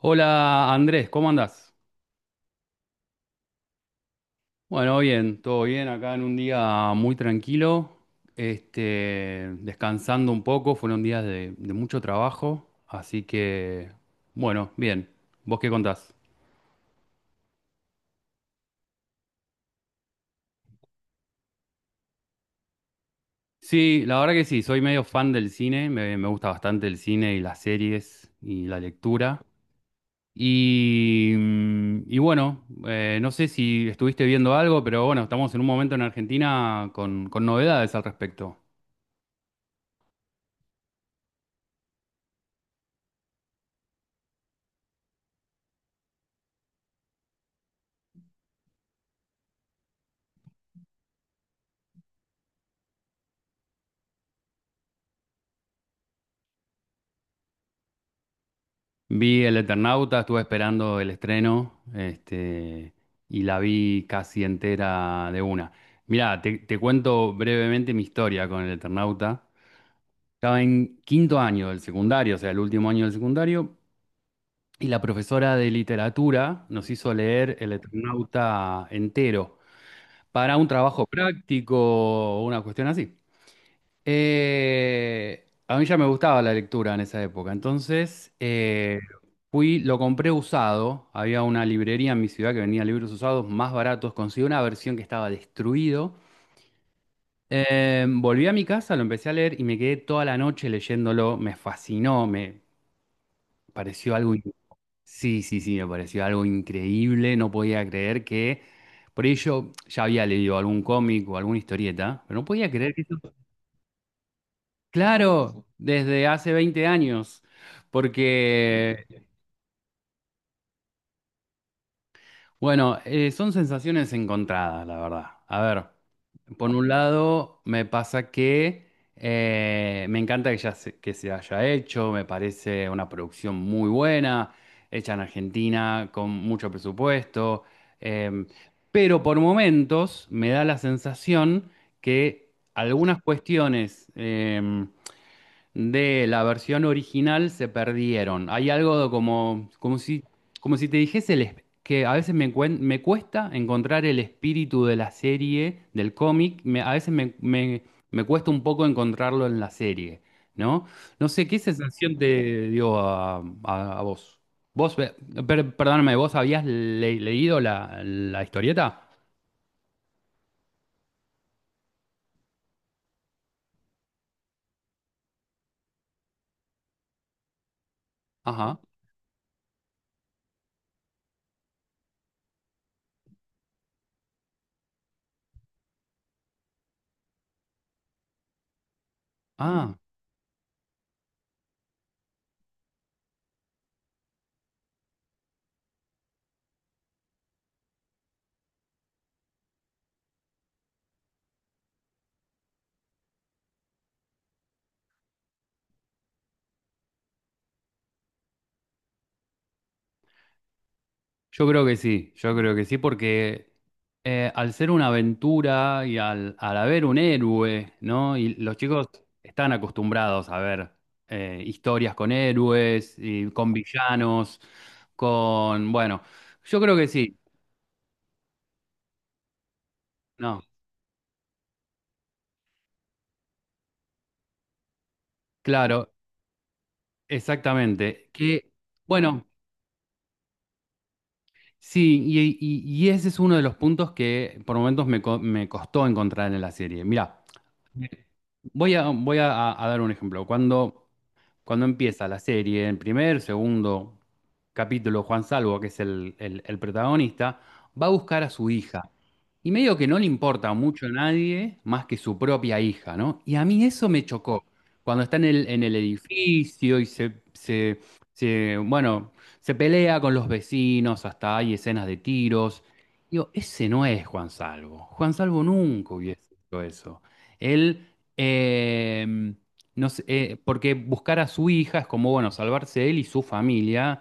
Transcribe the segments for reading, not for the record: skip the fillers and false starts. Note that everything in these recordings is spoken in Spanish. Hola Andrés, ¿cómo andás? Bueno, bien, todo bien, acá en un día muy tranquilo, este, descansando un poco, fueron días de mucho trabajo, así que, bueno, bien, ¿vos qué contás? Sí, la verdad que sí, soy medio fan del cine, me gusta bastante el cine y las series y la lectura. Y, y bueno, no sé si estuviste viendo algo, pero bueno, estamos en un momento en Argentina con novedades al respecto. Vi El Eternauta, estuve esperando el estreno, este, y la vi casi entera de una. Mirá, te cuento brevemente mi historia con El Eternauta. Estaba en quinto año del secundario, o sea, el último año del secundario, y la profesora de literatura nos hizo leer El Eternauta entero para un trabajo práctico o una cuestión así. A mí ya me gustaba la lectura en esa época, entonces fui, lo compré usado, había una librería en mi ciudad que vendía libros usados más baratos, conseguí una versión que estaba destruido. Volví a mi casa, lo empecé a leer y me quedé toda la noche leyéndolo, me fascinó, me pareció sí, sí, sí, me pareció algo increíble, no podía creer que, por ello ya había leído algún cómic o alguna historieta, pero no podía creer que... Claro, desde hace 20 años, porque, bueno, son sensaciones encontradas, la verdad. A ver, por un lado, me pasa que me encanta que, ya se, que se haya hecho, me parece una producción muy buena, hecha en Argentina, con mucho presupuesto, em, pero por momentos me da la sensación que algunas cuestiones de la versión original se perdieron. Hay algo como si te dijese que a veces me cuesta encontrar el espíritu de la serie, del cómic, me- a veces me, me- me cuesta un poco encontrarlo en la serie, ¿no? No sé, ¿qué sensación te dio a vos? Vos, perdóname, ¿vos leído la historieta? Ajá. Ah. Yo creo que sí, yo creo que sí, porque al ser una aventura y al haber un héroe, ¿no? Y los chicos están acostumbrados a ver historias con héroes y con villanos, con... Bueno, yo creo que sí, ¿no? Claro, exactamente. Que, bueno, sí, y ese es uno de los puntos que por momentos me costó encontrar en la serie. Mirá. Voy a dar un ejemplo. Cuando, cuando empieza la serie, en primer, segundo capítulo, Juan Salvo, que es el protagonista, va a buscar a su hija. Y medio que no le importa mucho a nadie más que su propia hija, ¿no? Y a mí eso me chocó. Cuando está en en el edificio y bueno, se pelea con los vecinos, hasta hay escenas de tiros. Digo, ese no es Juan Salvo. Juan Salvo nunca hubiese hecho eso. Él, eh, no sé, porque buscar a su hija es como, bueno, salvarse él y su familia.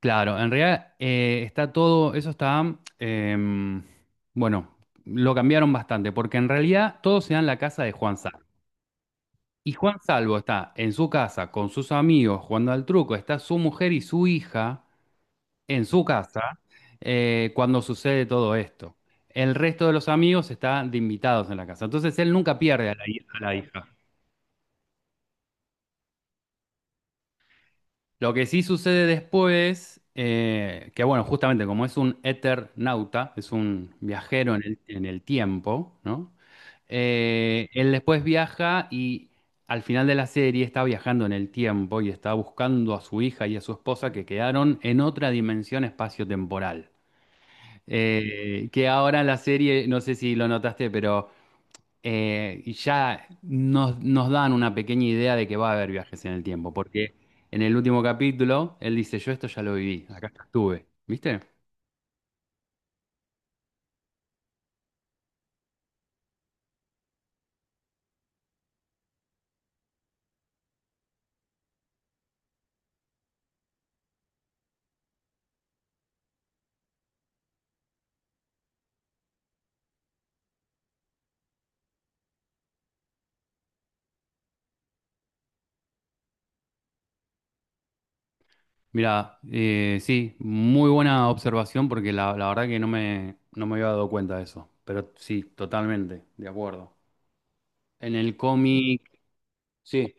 Claro, en realidad está todo, eso está. Bueno, lo cambiaron bastante, porque en realidad todo se da en la casa de Juan Salvo. Y Juan Salvo está en su casa con sus amigos jugando al truco, está su mujer y su hija en su casa cuando sucede todo esto. El resto de los amigos están de invitados en la casa. Entonces él nunca pierde a a la hija. Lo que sí sucede después, que bueno, justamente como es un eternauta, es un viajero en en el tiempo, ¿no? Él después viaja y al final de la serie está viajando en el tiempo y está buscando a su hija y a su esposa que quedaron en otra dimensión espacio-temporal. Que ahora en la serie, no sé si lo notaste, pero nos dan una pequeña idea de que va a haber viajes en el tiempo, porque en el último capítulo él dice, yo esto ya lo viví, acá ya estuve, ¿viste? Mira, sí, muy buena observación porque la verdad que no no me había dado cuenta de eso, pero sí, totalmente, de acuerdo. En el cómic, sí.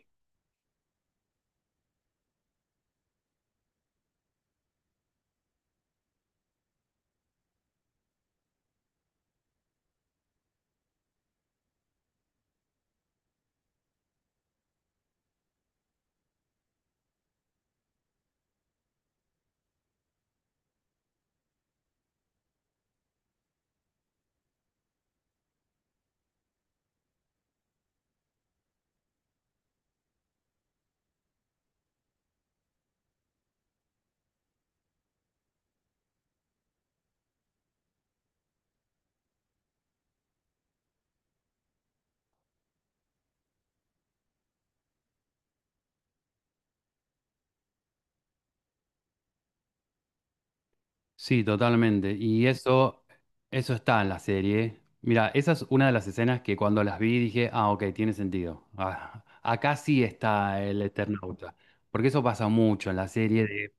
Sí, totalmente. Y eso está en la serie. Mira, esa es una de las escenas que cuando las vi dije, ah, ok, tiene sentido. Ah, acá sí está el Eternauta. Porque eso pasa mucho en la serie de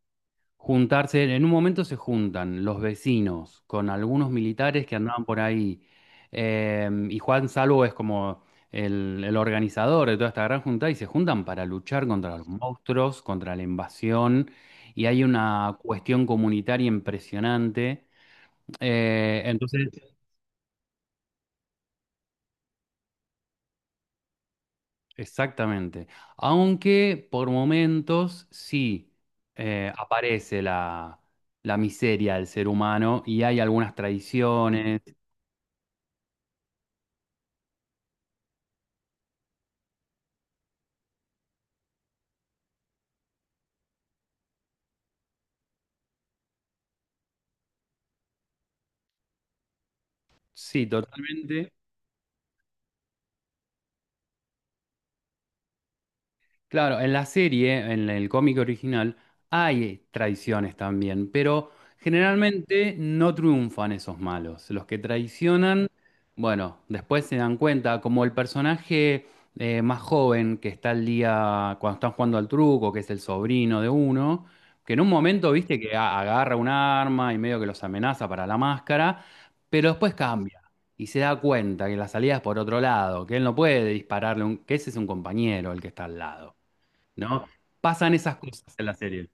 juntarse, en un momento se juntan los vecinos con algunos militares que andaban por ahí. Y Juan Salvo es como el organizador de toda esta gran junta y se juntan para luchar contra los monstruos, contra la invasión, y hay una cuestión comunitaria impresionante. Eh, entonces, exactamente. Aunque por momentos sí aparece la miseria del ser humano y hay algunas tradiciones. Sí, totalmente. Claro, en la serie, en el cómic original, hay traiciones también, pero generalmente no triunfan esos malos. Los que traicionan, bueno, después se dan cuenta, como el personaje más joven que está al día cuando están jugando al truco, que es el sobrino de uno, que en un momento, viste, que agarra un arma y medio que los amenaza para la máscara, pero después cambia. Y se da cuenta que la salida es por otro lado, que él no puede dispararle, que ese es un compañero el que está al lado. ¿No? Pasan esas cosas en la serie.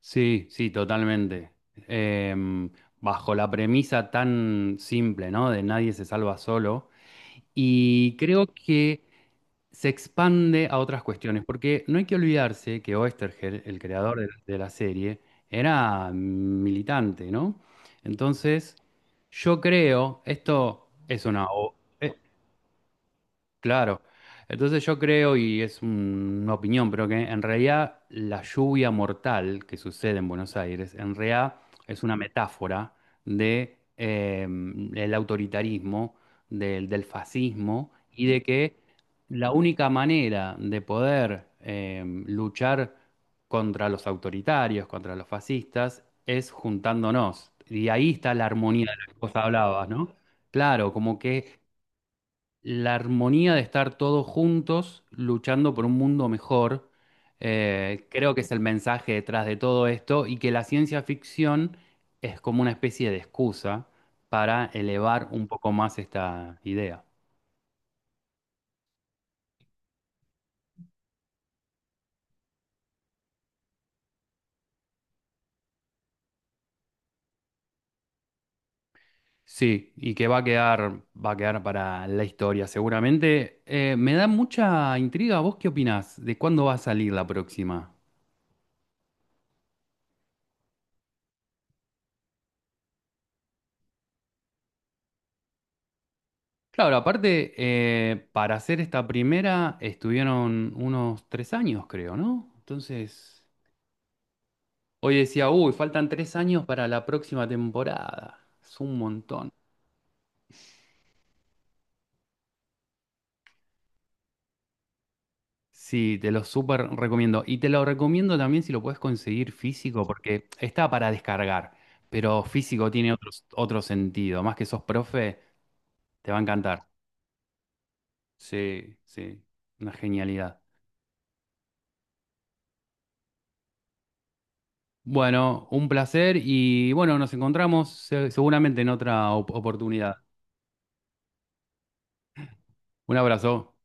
Sí, sí, totalmente. Em, Bajo la premisa tan simple, ¿no? De nadie se salva solo. Y creo que se expande a otras cuestiones, porque no hay que olvidarse que Oesterheld, el creador de la serie, era militante, ¿no? Entonces, yo creo, esto es una... Claro. Entonces yo creo, y es una opinión, pero que en realidad la lluvia mortal que sucede en Buenos Aires, en realidad es una metáfora de el autoritarismo, del fascismo, y de que la única manera de poder luchar contra los autoritarios, contra los fascistas, es juntándonos. Y ahí está la armonía de la que vos hablabas, ¿no? Claro, como que la armonía de estar todos juntos luchando por un mundo mejor, creo que es el mensaje detrás de todo esto y que la ciencia ficción es como una especie de excusa para elevar un poco más esta idea. Sí, y que va a quedar para la historia seguramente. Me da mucha intriga, ¿vos qué opinás? ¿De cuándo va a salir la próxima? Claro, aparte, para hacer esta primera estuvieron unos 3 años, creo, ¿no? Entonces, hoy decía, uy, faltan 3 años para la próxima temporada. Es un montón. Sí, te lo súper recomiendo. Y te lo recomiendo también si lo puedes conseguir físico, porque está para descargar, pero físico tiene otro, otro sentido. Más que sos profe, te va a encantar. Sí, sí, una genialidad. Bueno, un placer y bueno, nos encontramos seguramente en otra oportunidad. Un abrazo.